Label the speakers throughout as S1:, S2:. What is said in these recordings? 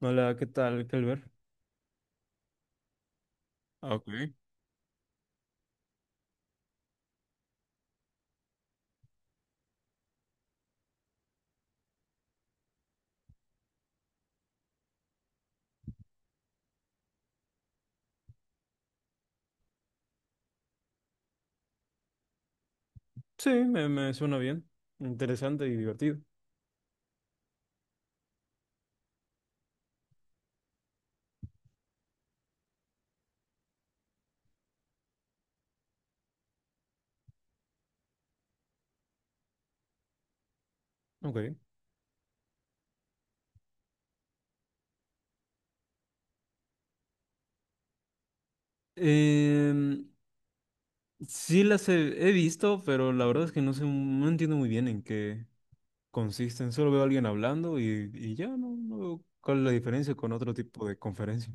S1: Hola, ¿qué tal, Kelber? Ah, ok. Sí, me suena bien. Interesante y divertido. Ok. Em, sí las he visto, pero la verdad es que no sé, no entiendo muy bien en qué consisten. Solo veo a alguien hablando y ya no veo cuál es la diferencia con otro tipo de conferencia.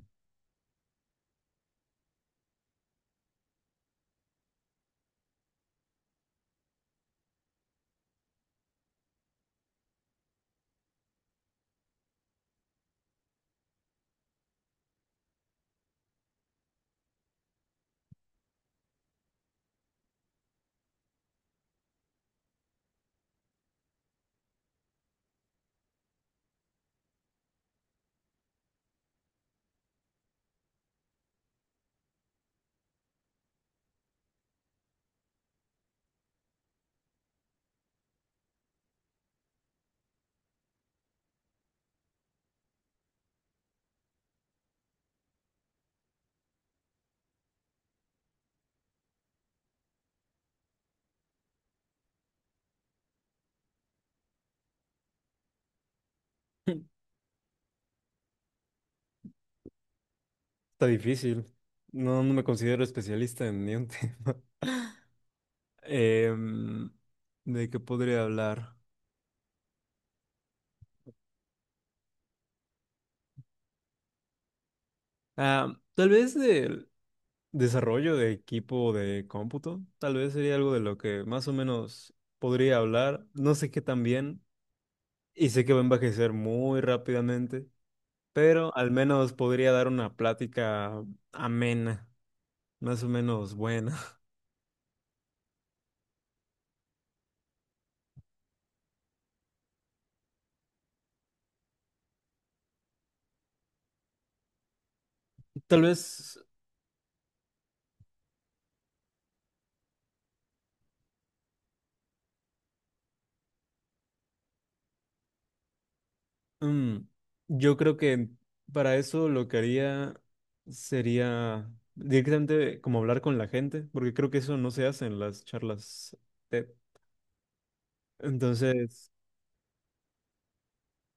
S1: Está difícil. No, no me considero especialista en ni un tema. Em, ¿De qué podría hablar? Ah, tal vez de... Desarrollo de equipo de cómputo, tal vez sería algo de lo que más o menos podría hablar. No sé qué tan bien y sé que va a envejecer muy rápidamente, pero al menos podría dar una plática amena, más o menos buena. Tal vez mm, yo creo que para eso lo que haría sería directamente como hablar con la gente, porque creo que eso no se hace en las charlas TED. Entonces...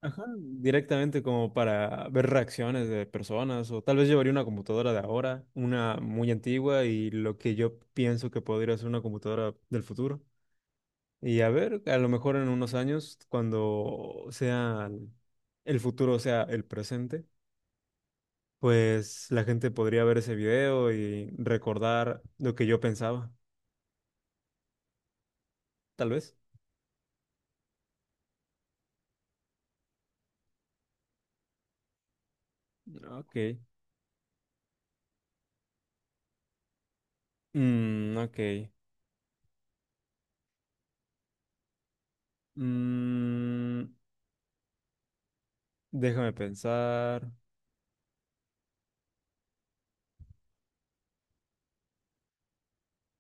S1: Ajá, directamente como para ver reacciones de personas o tal vez llevaría una computadora de ahora, una muy antigua y lo que yo pienso que podría ser una computadora del futuro. Y a ver, a lo mejor en unos años, cuando sea el futuro sea el presente, pues la gente podría ver ese video y recordar lo que yo pensaba, tal vez. Ok. Ok. Mm, déjame pensar.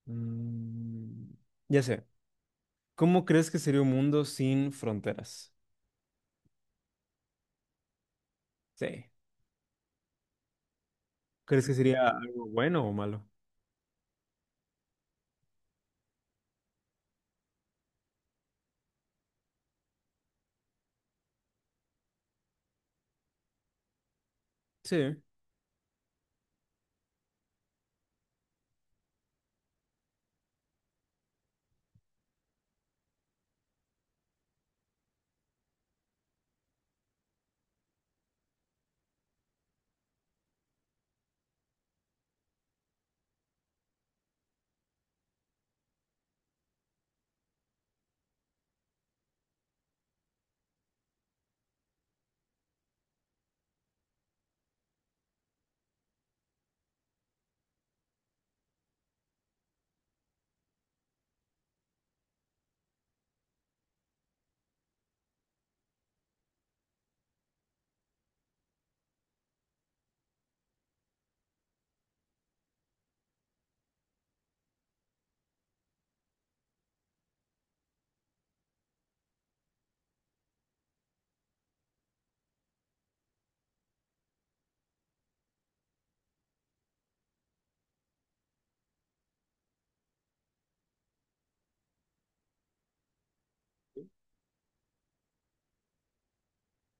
S1: Mm, ya sé. ¿Cómo crees que sería un mundo sin fronteras? Sí. ¿Crees que sería algo bueno o malo? Sí.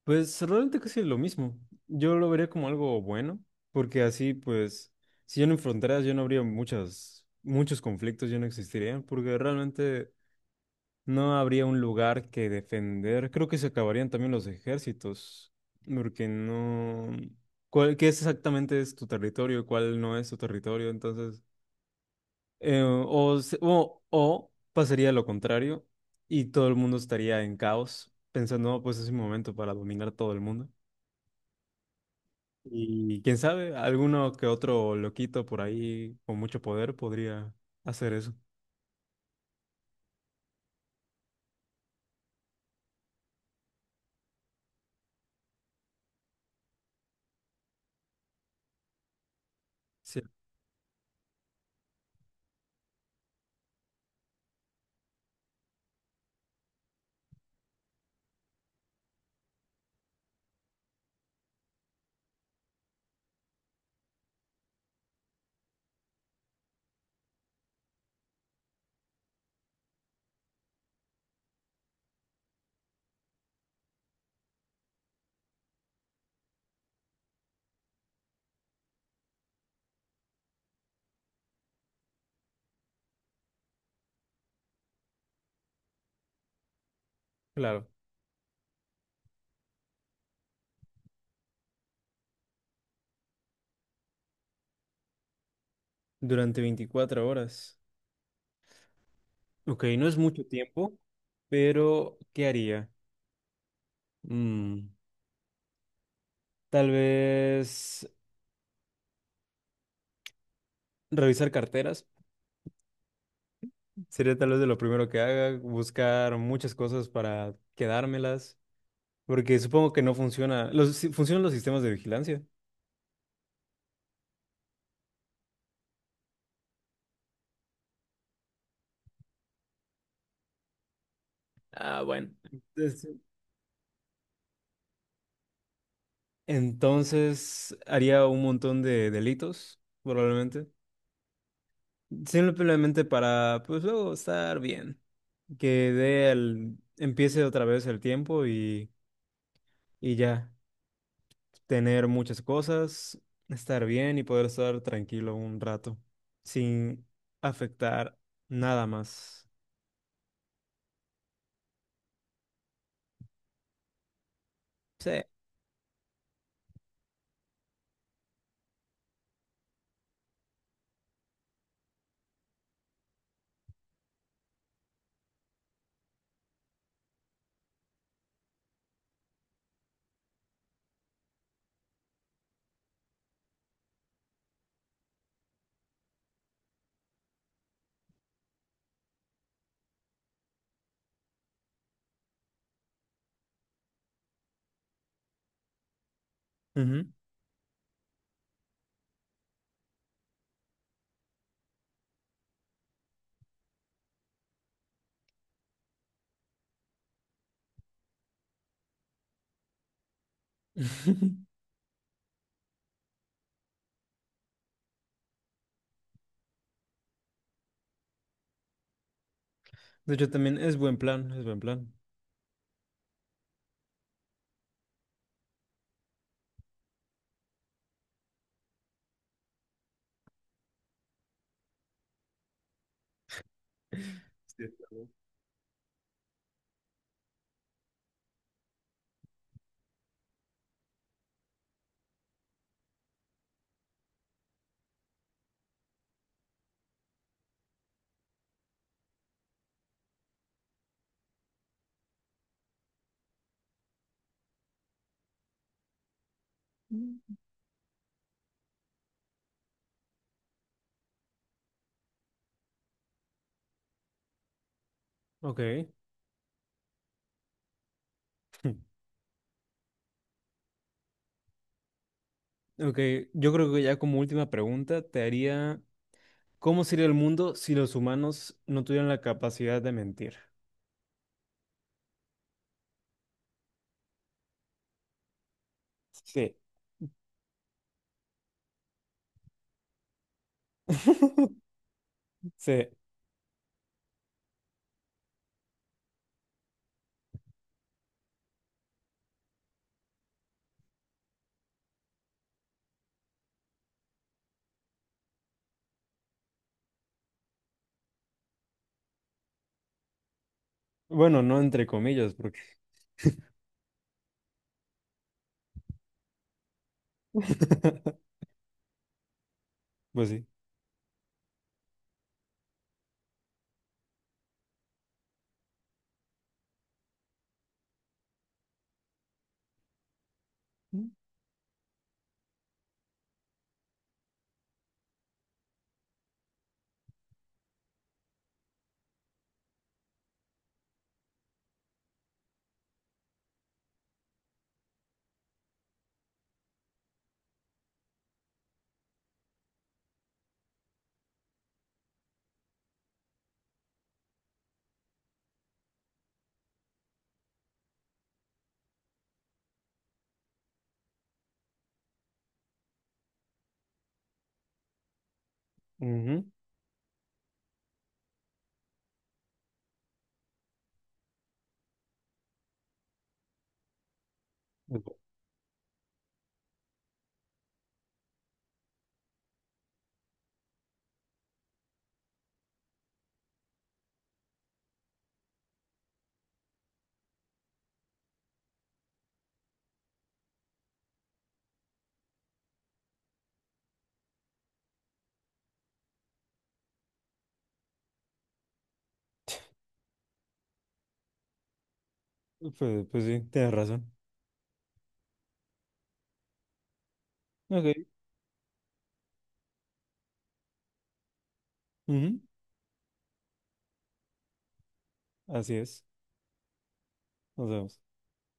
S1: Pues realmente casi lo mismo. Yo lo vería como algo bueno, porque así, pues, si yo no hay fronteras, yo no habría muchas, muchos conflictos, yo no existiría, porque realmente no habría un lugar que defender. Creo que se acabarían también los ejércitos, porque no... ¿Cuál, qué es exactamente es tu territorio? ¿Cuál no es tu territorio? Entonces... o, o pasaría lo contrario y todo el mundo estaría en caos, pensando, "No, pues es mi momento para dominar todo el mundo. Y quién sabe, alguno que otro loquito por ahí con mucho poder podría hacer eso." Sí, claro, durante 24 horas. Ok, no es mucho tiempo, pero ¿qué haría? Mm, tal vez revisar carteras. Sería tal vez de lo primero que haga, buscar muchas cosas para quedármelas. Porque supongo que no funciona. Los, funcionan los sistemas de vigilancia. Ah, bueno. Es- Entonces haría un montón de delitos, probablemente. Simplemente para, pues luego estar bien. Que dé el, empiece otra vez el tiempo y ya. Tener muchas cosas, estar bien y poder estar tranquilo un rato. Sin afectar nada más. Sí. Ujú. De hecho, también es buen plan, es buen plan. Sí, claro. Ok, ok. Yo creo que ya como última pregunta te haría, ¿cómo sería el mundo si los humanos no tuvieran la capacidad de mentir? Sí. Sí. Bueno, no entre comillas, porque... Pues sí. Ujú. Pues, pues sí, tienes razón. Ok. Ujú. Así es. Nos vemos.